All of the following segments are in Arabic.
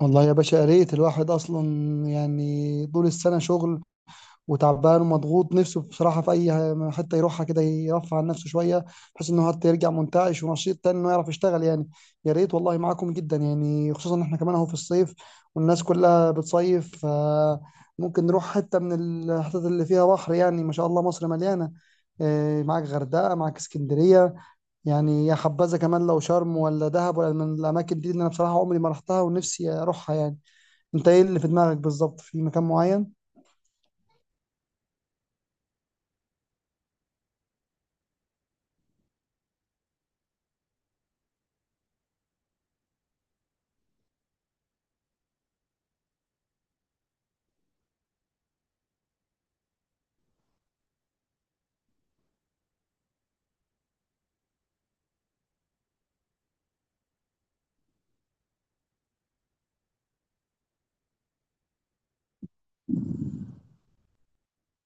والله يا باشا، يا ريت الواحد اصلا يعني طول السنه شغل وتعبان ومضغوط نفسه بصراحه في اي حته يروحها كده يرفع عن نفسه شويه، بحيث انه حتى يرجع منتعش ونشيط تاني انه يعرف يشتغل يعني. يا ريت والله معاكم جدا يعني، خصوصا ان احنا كمان اهو في الصيف والناس كلها بتصيف، فممكن نروح حته من الحتت اللي فيها بحر. يعني ما شاء الله مصر مليانه، إيه، معاك غردقه معاك اسكندريه، يعني يا حبذا كمان لو شرم ولا دهب ولا من الاماكن دي اللي انا بصراحه عمري ما رحتها ونفسي اروحها يعني. انت ايه اللي في دماغك بالظبط؟ في مكان معين؟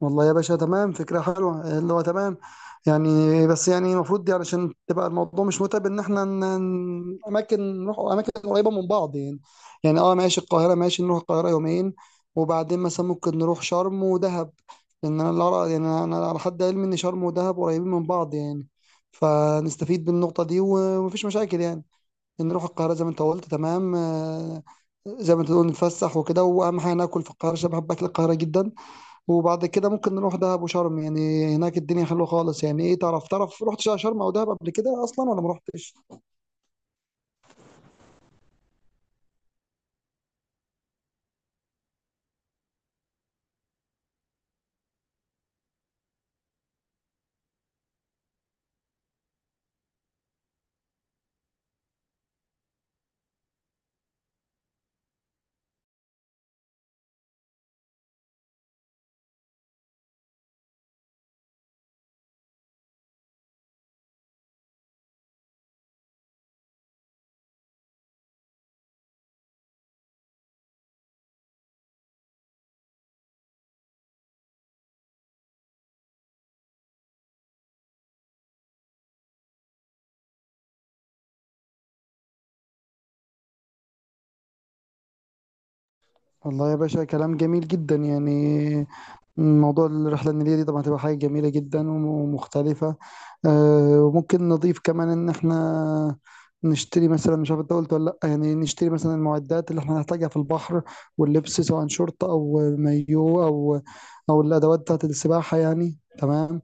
والله يا باشا تمام، فكرة حلوة اللي هو تمام يعني. بس يعني المفروض يعني عشان تبقى الموضوع مش متعب ان احنا اماكن نروح اماكن قريبة من بعض يعني. يعني اه ماشي، القاهرة ماشي، نروح القاهرة يومين وبعدين مثلا ممكن نروح شرم ودهب، لان انا اللي يعني انا على حد علمي ان شرم ودهب قريبين من بعض يعني، فنستفيد بالنقطة دي ومفيش مشاكل يعني. نروح القاهرة زي ما انت قلت، تمام، آه، زي ما انت تقول نتفسح وكده، واهم حاجة ناكل في القاهرة عشان بحب اكل القاهرة جدا. وبعد كده ممكن نروح دهب وشرم، يعني هناك الدنيا حلوة خالص يعني. ايه، تعرف رحت شرم او دهب قبل كده اصلا ولا ما رحتش؟ والله يا باشا كلام جميل جدا يعني. موضوع الرحلة النيلية دي طبعا هتبقى حاجة جميلة جدا ومختلفة. آه، وممكن نضيف كمان إن إحنا نشتري مثلا، مش عارف أنت قلت ولا لأ، يعني نشتري مثلا المعدات اللي إحنا هنحتاجها في البحر واللبس، سواء شورت أو مايو أو الأدوات بتاعة السباحة يعني، تمام.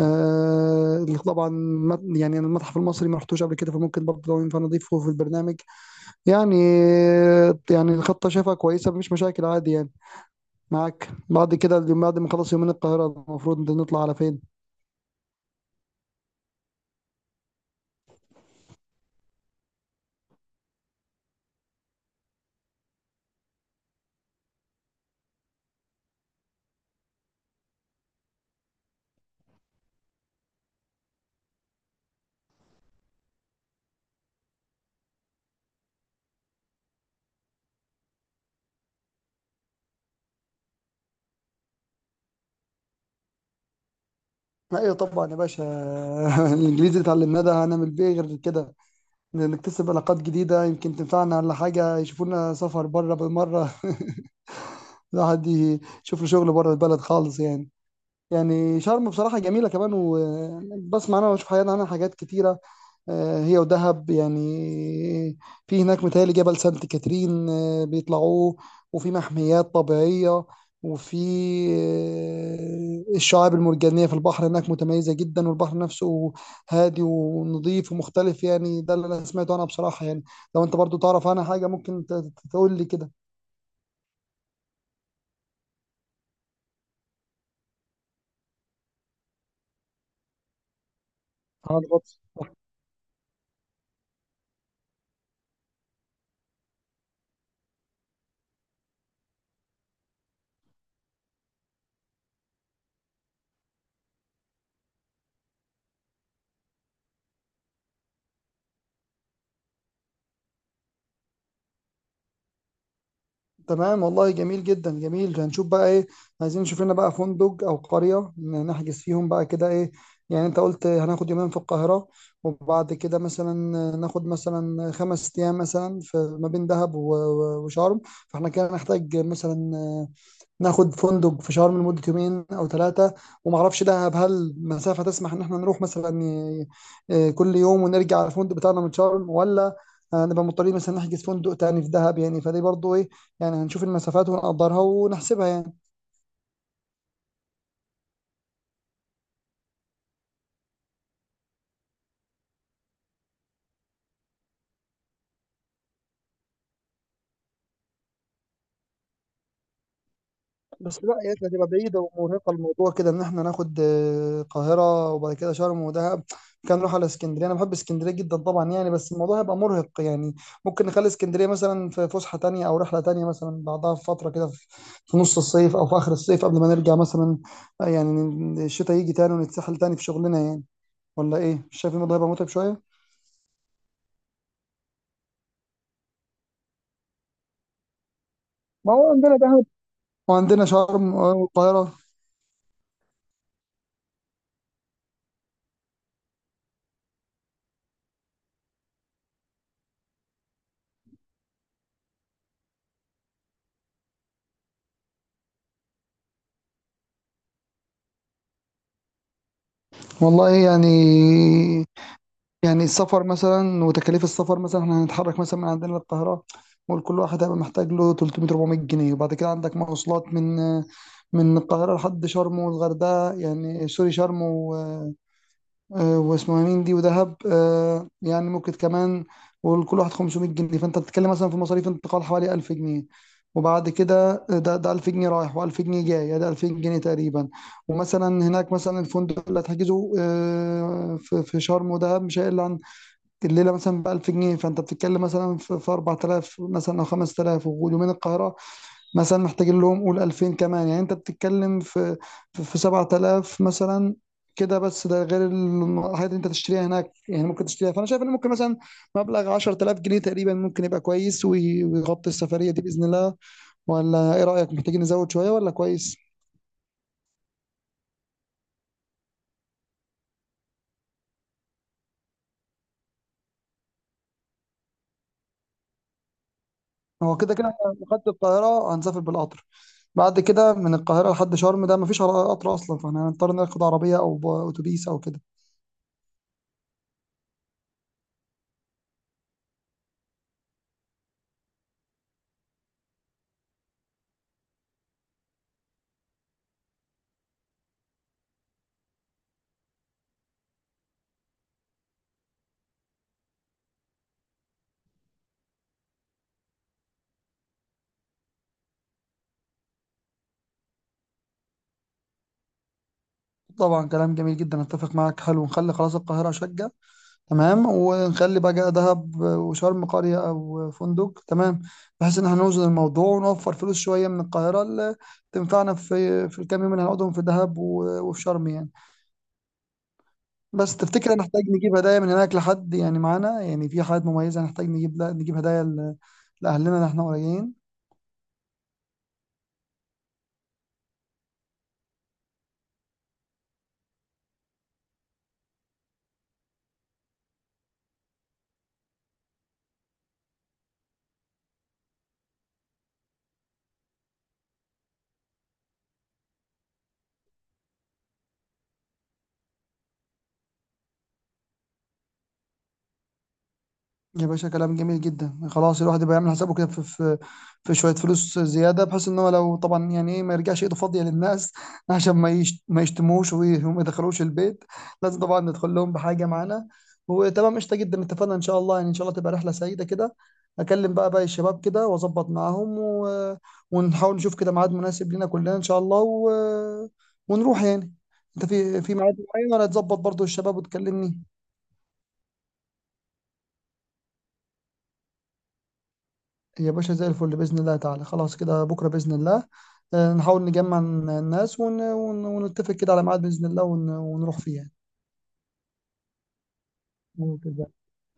آه، طبعا يعني المتحف المصري ما رحتوش قبل كده، فممكن برضه لو ينفع نضيفه في البرنامج يعني. يعني الخطة شايفها كويسة، مفيش مشاكل، عادي يعني. معاك، بعد كده اليوم بعد ما خلص يومين القاهرة المفروض نطلع على فين؟ ايوه طبعا يا باشا. الانجليزي اتعلمناه ده هنعمل بيه إيه غير كده؟ نكتسب علاقات جديدة يمكن تنفعنا، ولا حاجة يشوفونا سفر بره بالمرة. الواحد يشوف له شغل بره البلد خالص يعني. يعني شرم بصراحة جميلة كمان، وبسمع انا واشوف حياتي عنها حاجات كتيرة. آه، هي ودهب يعني، في هناك متهيألي جبل سانت كاترين بيطلعوه، وفي محميات طبيعية، وفي الشعاب المرجانية في البحر هناك متميزة جدا، والبحر نفسه هادي ونظيف ومختلف. يعني ده اللي أنا سمعته أنا بصراحة يعني، لو أنت برضو تعرف عنها حاجة ممكن تقول لي كده. اه، ده برضه. تمام والله، جميل جدا جميل. هنشوف بقى ايه، عايزين نشوف لنا بقى فندق او قرية نحجز فيهم بقى كده. ايه يعني، انت قلت هناخد يومين في القاهرة وبعد كده مثلا ناخد مثلا 5 ايام مثلا في ما بين دهب وشرم. فاحنا كده نحتاج مثلا ناخد فندق في شرم لمدة يومين أو ثلاثة، وما أعرفش دهب هل مسافة تسمح إن إحنا نروح مثلا كل يوم ونرجع على الفندق بتاعنا من شرم، ولا نبقى مضطرين مثلا نحجز فندق تاني في دهب يعني؟ فدي برضو إيه يعني. هنشوف المسافات ونقدرها ونحسبها يعني. بس لا يا اخي، هتبقى بعيدة ومرهقة. الموضوع كده، ان احنا ناخد القاهرة وبعد كده شرم ودهب، كان نروح على اسكندرية. انا بحب اسكندرية جدا طبعا يعني، بس الموضوع هيبقى مرهق يعني. ممكن نخلي اسكندرية مثلا في فسحة تانية او رحلة تانية مثلا بعدها بفترة كده، في نص الصيف او في اخر الصيف قبل ما نرجع مثلا، يعني الشتاء يجي تاني ونتسحل تاني في شغلنا يعني. ولا ايه، مش شايف الموضوع هيبقى متعب شوية؟ ما هو عندنا دهب وعندنا شرم، والقاهرة. والله يعني، يعني السفر مثلا وتكاليف السفر مثلا، احنا هنتحرك مثلا من عندنا للقاهرة، قول كل واحد هيبقى محتاج له 300 400 جنيه. وبعد كده عندك مواصلات من القاهرة لحد شرم والغردقة، يعني سوري شرم و... واسمها مين دي ودهب، آه، يعني ممكن كمان قول كل واحد 500 جنيه. فانت بتتكلم مثلا في مصاريف انتقال حوالي 1000 جنيه، وبعد كده ده 2000 جنيه رايح و2000 جنيه جاي، يعني ده 2000 جنيه تقريبا. ومثلا هناك مثلا الفندق اللي هتحجزه، في شرم ودهب مش هيقل عن الليله مثلا ب 1000 جنيه، فانت بتتكلم مثلا في 4000 مثلا او 5000، واليومين القاهره مثلا محتاجين لهم قول 2000 كمان. يعني انت بتتكلم في 7000 مثلا، كده بس ده غير الحاجات اللي انت تشتريها هناك، يعني ممكن تشتريها. فانا شايف ان ممكن مثلا مبلغ 10000 جنيه تقريبا ممكن يبقى كويس ويغطي السفريه دي باذن الله. ولا ايه رايك، محتاجين نزود شويه ولا كويس؟ هو كده كده إحنا لو خدت القاهرة هنسافر بالقطر، بعد كده من القاهرة لحد شرم ده مفيش قطر أصلا، فاحنا هنضطر ناخد عربية أو أتوبيس أو كده. طبعا كلام جميل جدا، أتفق معاك. حلو، نخلي خلاص القاهرة شقة تمام، ونخلي بقى دهب وشرم قرية أو فندق، تمام. بحيث إن احنا نوزن الموضوع ونوفر فلوس شوية من القاهرة، اللي تنفعنا في الكام يوم اللي هنقعدهم في دهب وفي شرم يعني. بس تفتكر هنحتاج نجيب هدايا من هناك لحد يعني معانا؟ يعني في حاجات مميزة هنحتاج نجيب، لا نجيب هدايا لأهلنا اللي احنا قريبين. يا باشا كلام جميل جدا خلاص، الواحد يبقى يعمل حسابه كده في شويه فلوس زياده، بحيث ان هو لو طبعا يعني ايه ما يرجعش ايده فاضيه للناس. عشان ما يشتموش وما يدخلوش البيت، لازم طبعا ندخل لهم بحاجه معانا. وتمام، قشطه جدا، اتفقنا ان شاء الله. يعني ان شاء الله تبقى رحله سعيده كده. اكلم بقى باقي الشباب كده واظبط معاهم و... ونحاول نشوف كده ميعاد مناسب لينا كلنا ان شاء الله و... ونروح يعني. انت في ميعاد معين، ولا تظبط برضو الشباب وتكلمني؟ يا باشا زي الفل بإذن الله تعالى. خلاص كده بكرة بإذن الله نحاول نجمع الناس ون... ون... ونتفق كده على ميعاد بإذن الله، ون... ونروح فيه يعني. ممكن